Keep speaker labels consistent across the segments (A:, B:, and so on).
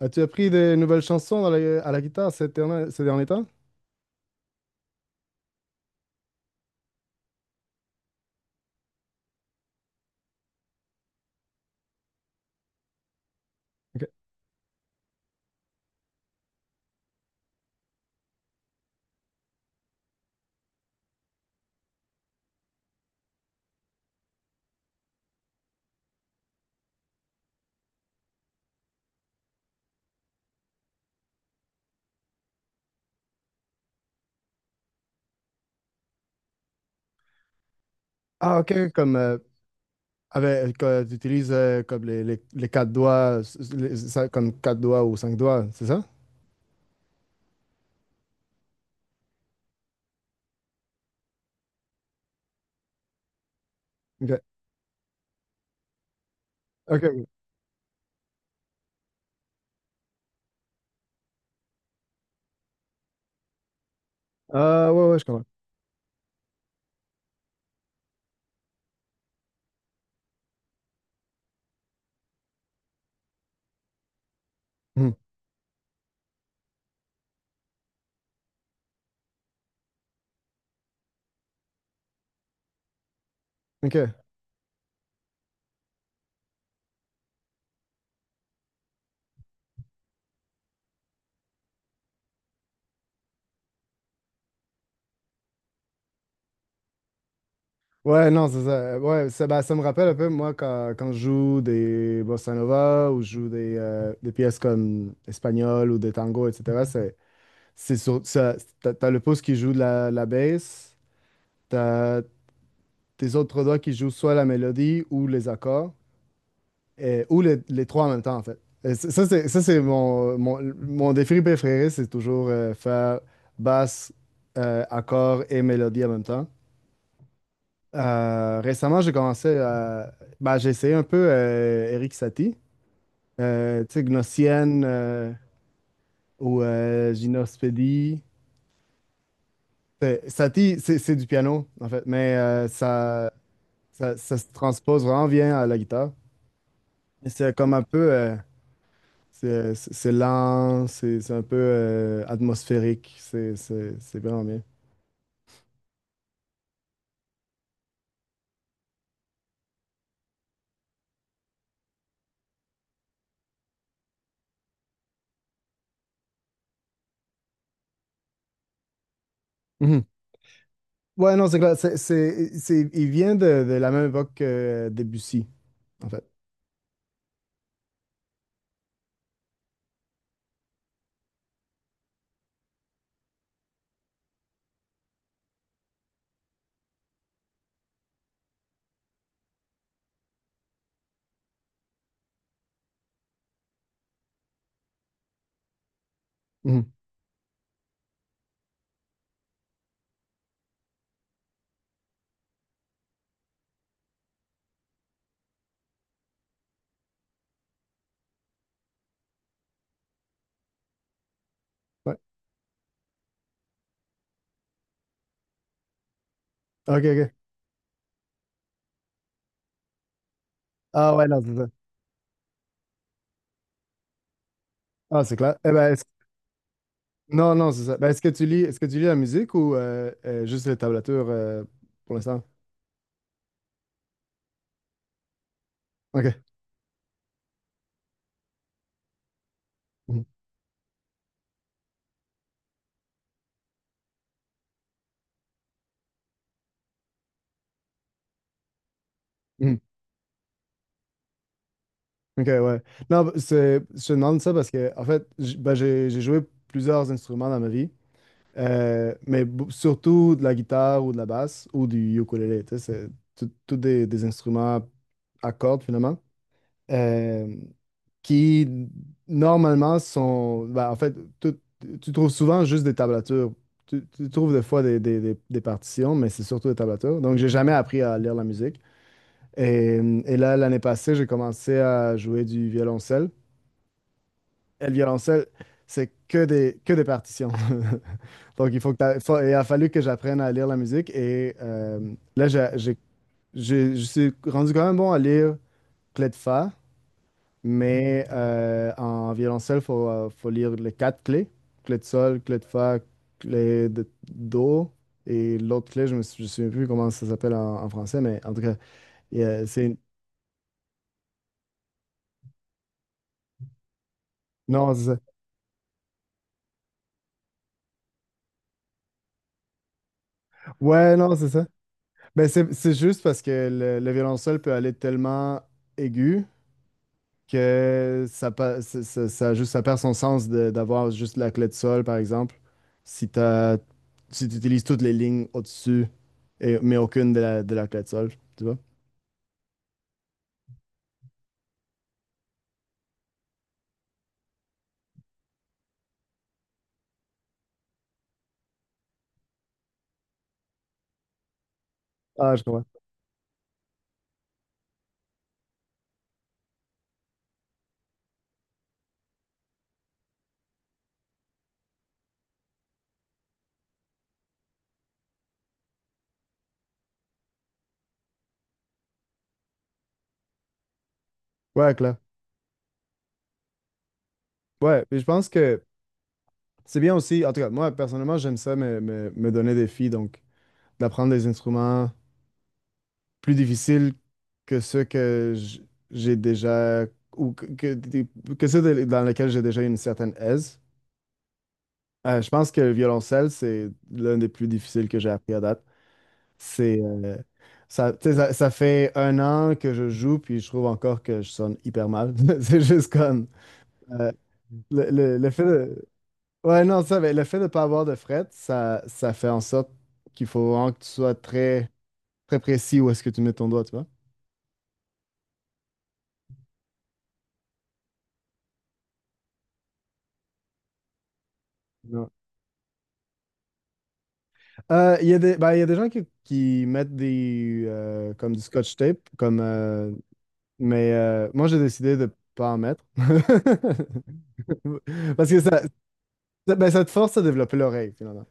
A: As-tu appris des nouvelles chansons à la guitare ces derniers temps? Ok. Ah, ok, comme que tu utilises comme les quatre doigts, ça, comme quatre doigts ou cinq doigts, c'est ça? Ok, ok, ok. Ah, ouais, ouais, je comprends. Hmm. Ok. Ouais, non, c'est ça. Ouais, ça, bah, ça me rappelle un peu, moi, quand je joue des bossa nova ou je joue des pièces comme espagnol ou des tangos, etc. C'est sur, ça, t'as le pouce qui joue de la basse. T'as tes autres doigts qui jouent soit la mélodie ou les accords, ou les trois en même temps, en fait. Ça, c'est mon défi préféré, c'est toujours faire basse, accord et mélodie en même temps. Récemment, bah, j'ai essayé un peu Eric Satie, tu sais, Gnossienne ou Gynospédie. Satie, c'est du piano, en fait, mais ça se transpose vraiment bien à la guitare. Et c'est lent, c'est un peu atmosphérique, c'est vraiment bien. Mhm. Ouais, non, c'est clair. Il vient de la même époque que Debussy, en fait. Mhm. Ouais. OK, OK. Ah ouais, non, c'est ça. Ah, c'est clair. Non, non, c'est ça. Ben, est-ce que tu lis la musique ou juste les tablatures pour l'instant? OK. Mhm. Mhm. OK, ouais. Non, c'est, je te demande ça parce que, en fait, ben, j'ai joué plusieurs instruments dans ma vie. Mais surtout de la guitare ou de la basse ou du ukulélé. Tu sais, c'est tout des instruments à cordes finalement euh, qui normalement sont. Ben, en fait, tu trouves souvent juste des tablatures. Tu trouves des fois des partitions, mais c'est surtout des tablatures. Donc, j'ai jamais appris à lire la musique. Et, et là, l'année passée, j'ai commencé à jouer du violoncelle. Et le violoncelle, c'est que des partitions. Donc, il faut que t'a- faut- il a fallu que j'apprenne à lire la musique. Et là, je suis rendu quand même bon à lire clé de fa, mais en violoncelle, il faut, faut lire les quatre clés. Clé de sol, clé de fa, clé de do. Et l'autre clé, je me souviens plus comment ça s'appelle en, en français, mais en tout cas, c'est... Non, c'est ça. Ouais, non, c'est ça. Ben c'est juste parce que le violoncelle peut aller tellement aigu que ça, pa- ça- ça- juste, ça perd son sens d'avoir juste la clé de sol, par exemple, si t'as, si tu utilises toutes les lignes au-dessus, et, mais aucune de la clé de sol, tu vois? Ah, je comprends. Ouais, clair. Ouais, puis je pense que c'est bien aussi, en tout cas, moi, personnellement, j'aime ça, me donner des filles, donc d'apprendre des instruments, plus difficile que ceux que j'ai déjà ou que ceux dans lesquels j'ai déjà une certaine aise. Je pense que le violoncelle, c'est l'un des plus difficiles que j'ai appris à date. C'est ça, tu sais, ça fait un an que je joue, puis je trouve encore que je sonne hyper mal. C'est juste comme euh, le fait de ouais non ça, mais le fait de ne pas avoir de fret, ça fait en sorte qu'il faut vraiment que tu sois très précis où est-ce que tu mets ton doigt, tu vois. Il y a des, ben, il y a des gens qui mettent des comme du scotch tape, comme, mais moi j'ai décidé de pas en mettre. Parce que ça, ben, ça te force à développer l'oreille, finalement.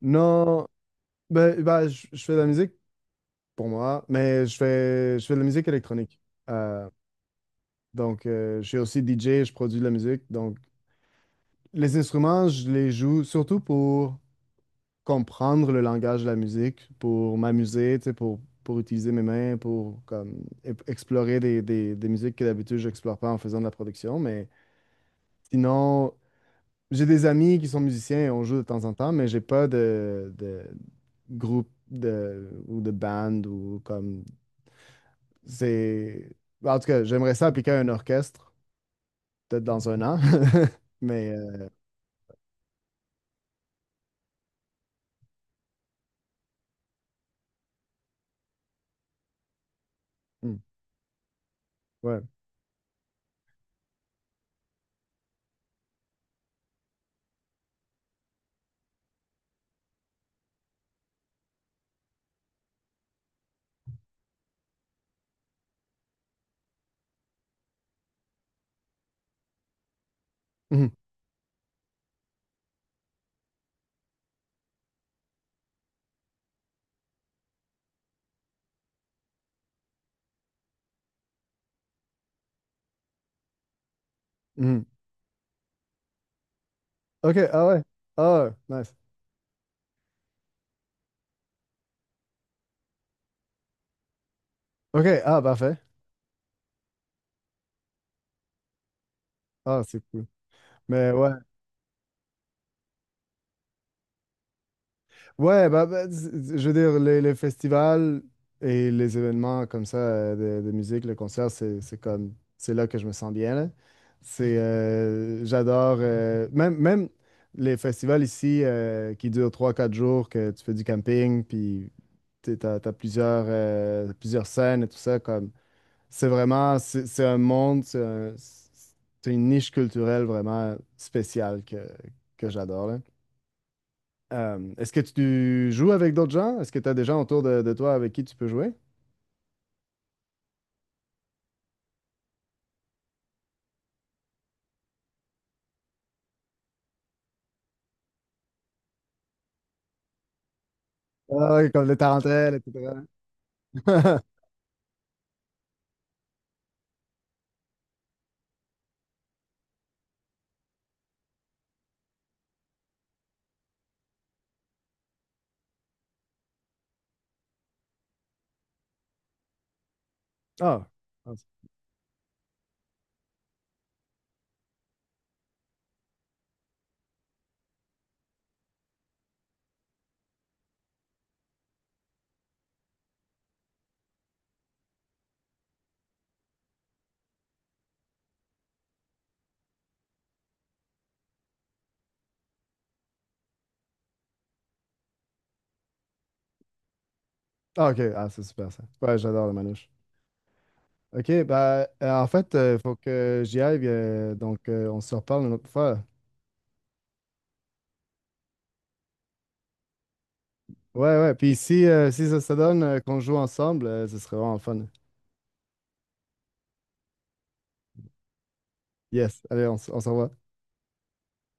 A: Non, ben, ben, je fais de la musique pour moi, mais je fais de la musique électronique. Euh, donc, je suis aussi DJ, je produis de la musique. Donc, les instruments, je les joue surtout pour comprendre le langage de la musique, pour m'amuser, tu sais, pour utiliser mes mains, pour comme, explorer des musiques que d'habitude je n'explore pas en faisant de la production. Mais sinon, j'ai des amis qui sont musiciens et on joue de temps en temps, mais j'ai pas de, de groupe de, ou de band ou comme c'est... En tout cas, j'aimerais ça appliquer à un orchestre, peut-être dans un an. Mais hmm, ouais. Mhm, mhm. OK, ah ouais. Ah, nice. OK, ah, parfait. Ah, c'est cool. Mais ouais, ouais, je veux dire, les festivals et les événements comme ça de musique, le concert, c'est comme, c'est là que je me sens bien, là. C'est, j'adore, même les festivals ici qui durent trois quatre jours, que tu fais du camping, puis t'as plusieurs, plusieurs scènes et tout ça, comme, c'est vraiment, c'est un monde, c'est une niche culturelle vraiment spéciale que j'adore, là. Est-ce que tu joues avec d'autres gens? Est-ce que tu as des gens autour de toi avec qui tu peux jouer? Ah, oui, comme les tarentelles, etc. Ah, ah, ok. Ah, c'est super ça. Ouais, j'adore le manouche. Ok, bah, en fait, il faut que j'y aille. Euh, donc, on se reparle une autre fois. Ouais, ouais. Puis si, si ça se donne qu'on joue ensemble, ce serait vraiment fun. Yes. Allez, on, on se revoit.